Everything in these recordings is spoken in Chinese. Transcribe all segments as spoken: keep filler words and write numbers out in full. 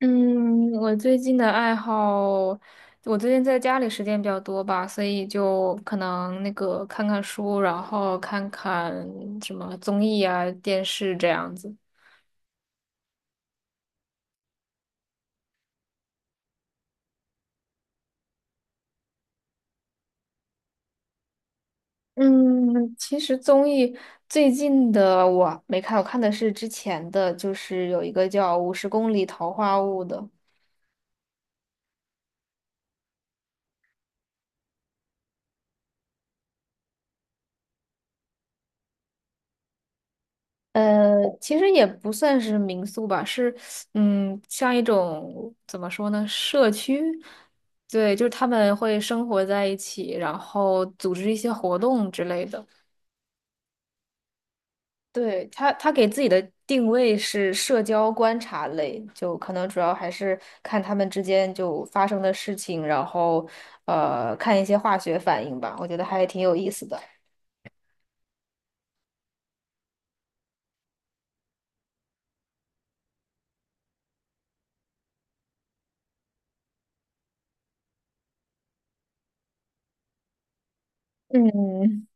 嗯，我最近的爱好，我最近在家里时间比较多吧，所以就可能那个看看书，然后看看什么综艺啊、电视这样子。嗯，其实综艺最近的我没看，我看的是之前的，就是有一个叫《五十公里桃花坞》的。呃，其实也不算是民宿吧，是嗯，像一种怎么说呢，社区。对，就是他们会生活在一起，然后组织一些活动之类的。对，他，他给自己的定位是社交观察类，就可能主要还是看他们之间就发生的事情，然后呃，看一些化学反应吧，我觉得还挺有意思的。嗯，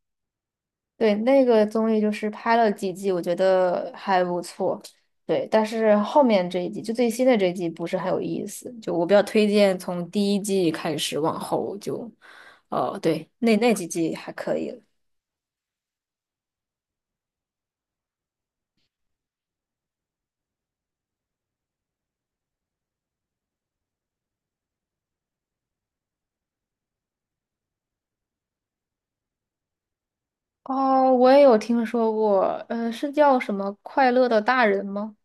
对，那个综艺就是拍了几季，我觉得还不错。对，但是后面这一季，就最新的这一季不是很有意思。就我比较推荐从第一季开始往后就，哦，对，那那几季还可以了。哦，我也有听说过，呃，是叫什么《快乐的大人》吗？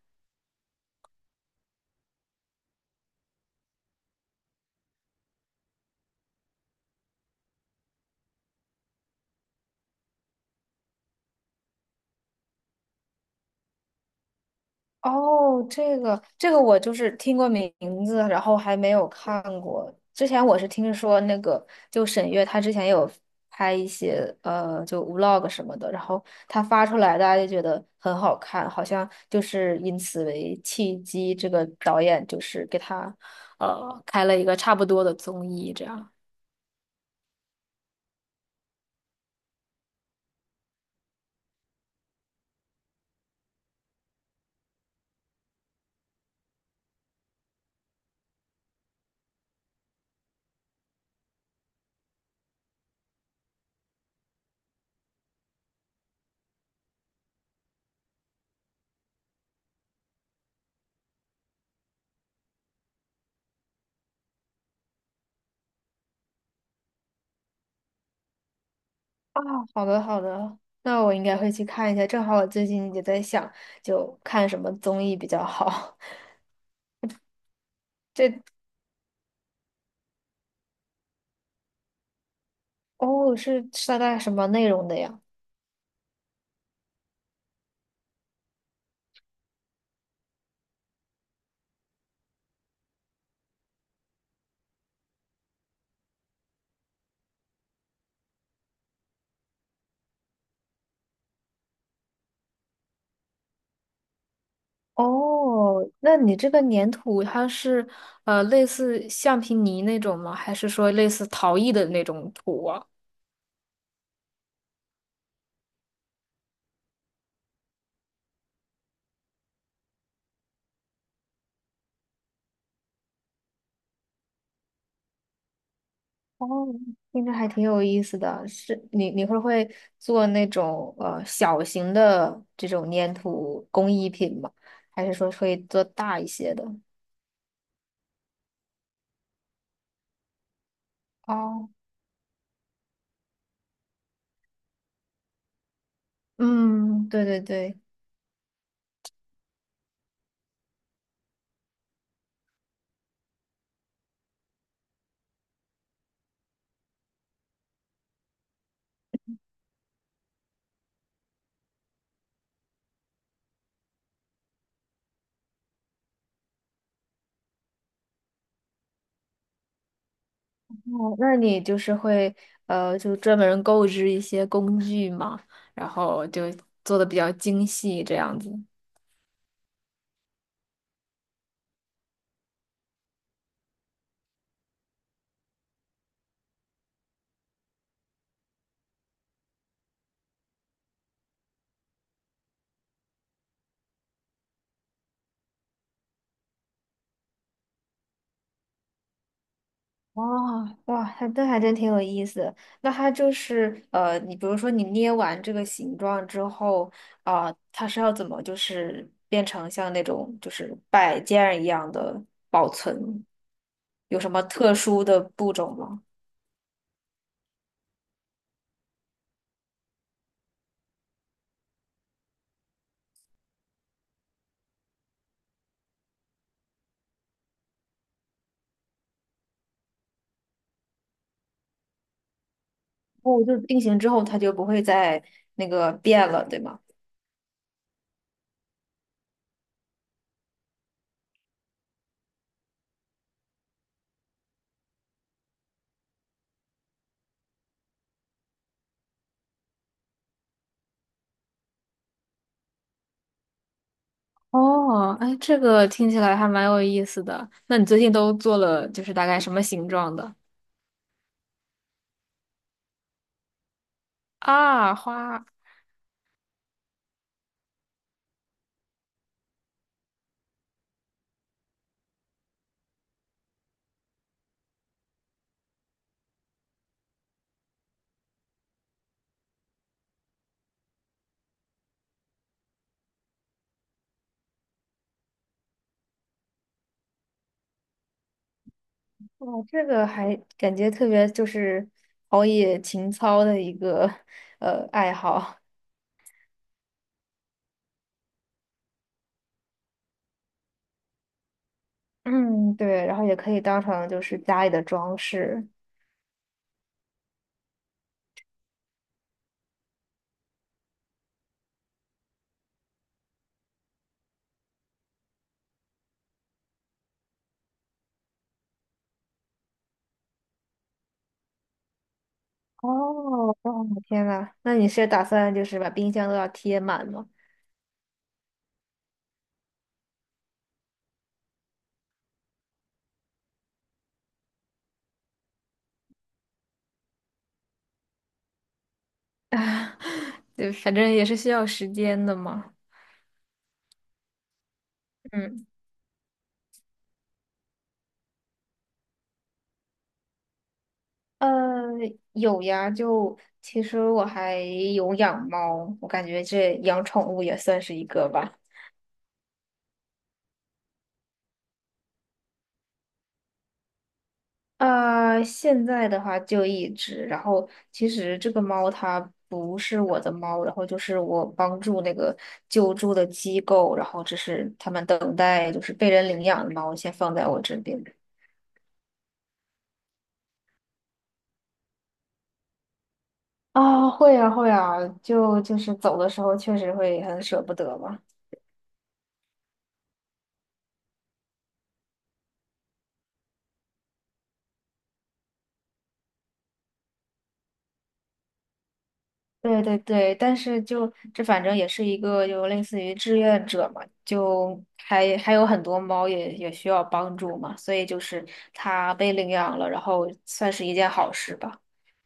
哦，这个这个我就是听过名字，然后还没有看过。之前我是听说那个，就沈月她之前有拍一些呃，就 vlog 什么的，然后她发出来，大家就觉得很好看，好像就是因此为契机，这个导演就是给她呃开了一个差不多的综艺，这样。啊，好的好的，那我应该会去看一下，正好我最近也在想，就看什么综艺比较好。这。哦，是是大概什么内容的呀？哦，那你这个粘土它是呃类似橡皮泥那种吗？还是说类似陶艺的那种土啊？哦，听着还挺有意思的。是你你会不会做那种呃小型的这种粘土工艺品吗？还是说会做大一些的？哦，嗯，对对对。哦，那你就是会呃，就专门购置一些工具嘛，然后就做的比较精细这样子。哇哇，还那还真挺有意思的那它就是呃，你比如说你捏完这个形状之后啊，它是要怎么就是变成像那种就是摆件儿一样的保存？有什么特殊的步骤吗？哦，就是定型之后它就不会再那个变了，对吗？哦，哎，这个听起来还蛮有意思的。那你最近都做了，就是大概什么形状的？啊，花，哇，这个还感觉特别就是陶冶情操的一个呃爱好。嗯，对，然后也可以当成就是家里的装饰。哦，哦，天呐，那你是打算就是把冰箱都要贴满吗？啊，就反正也是需要时间的嘛。嗯。呃，有呀，就其实我还有养猫，我感觉这养宠物也算是一个吧。啊，现在的话就一只，然后其实这个猫它不是我的猫，然后就是我帮助那个救助的机构，然后这是他们等待就是被人领养的猫，先放在我这边。啊，会呀会呀，就就是走的时候确实会很舍不得吧。对对对，但是就这反正也是一个就类似于志愿者嘛，就还还有很多猫也也需要帮助嘛，所以就是它被领养了，然后算是一件好事吧，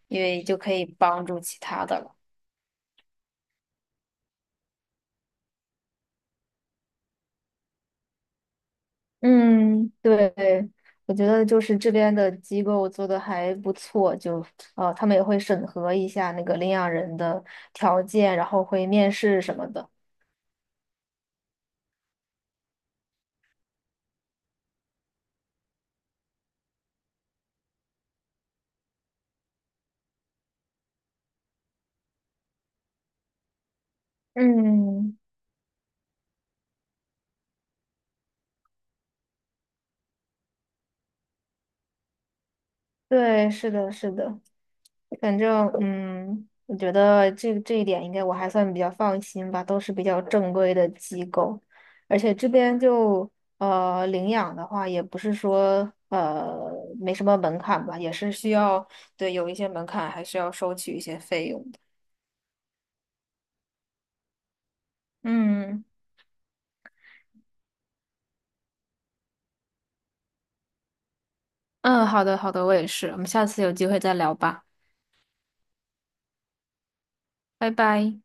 因为就可以帮助其他的了。嗯，对，我觉得就是这边的机构做的还不错，就呃他们也会审核一下那个领养人的条件，然后会面试什么的。嗯，对，是的，是的。反正嗯，我觉得这这一点应该我还算比较放心吧，都是比较正规的机构，而且这边就呃领养的话，也不是说呃没什么门槛吧，也是需要对有一些门槛，还是要收取一些费用的。嗯嗯，好的好的，我也是，我们下次有机会再聊吧，拜拜。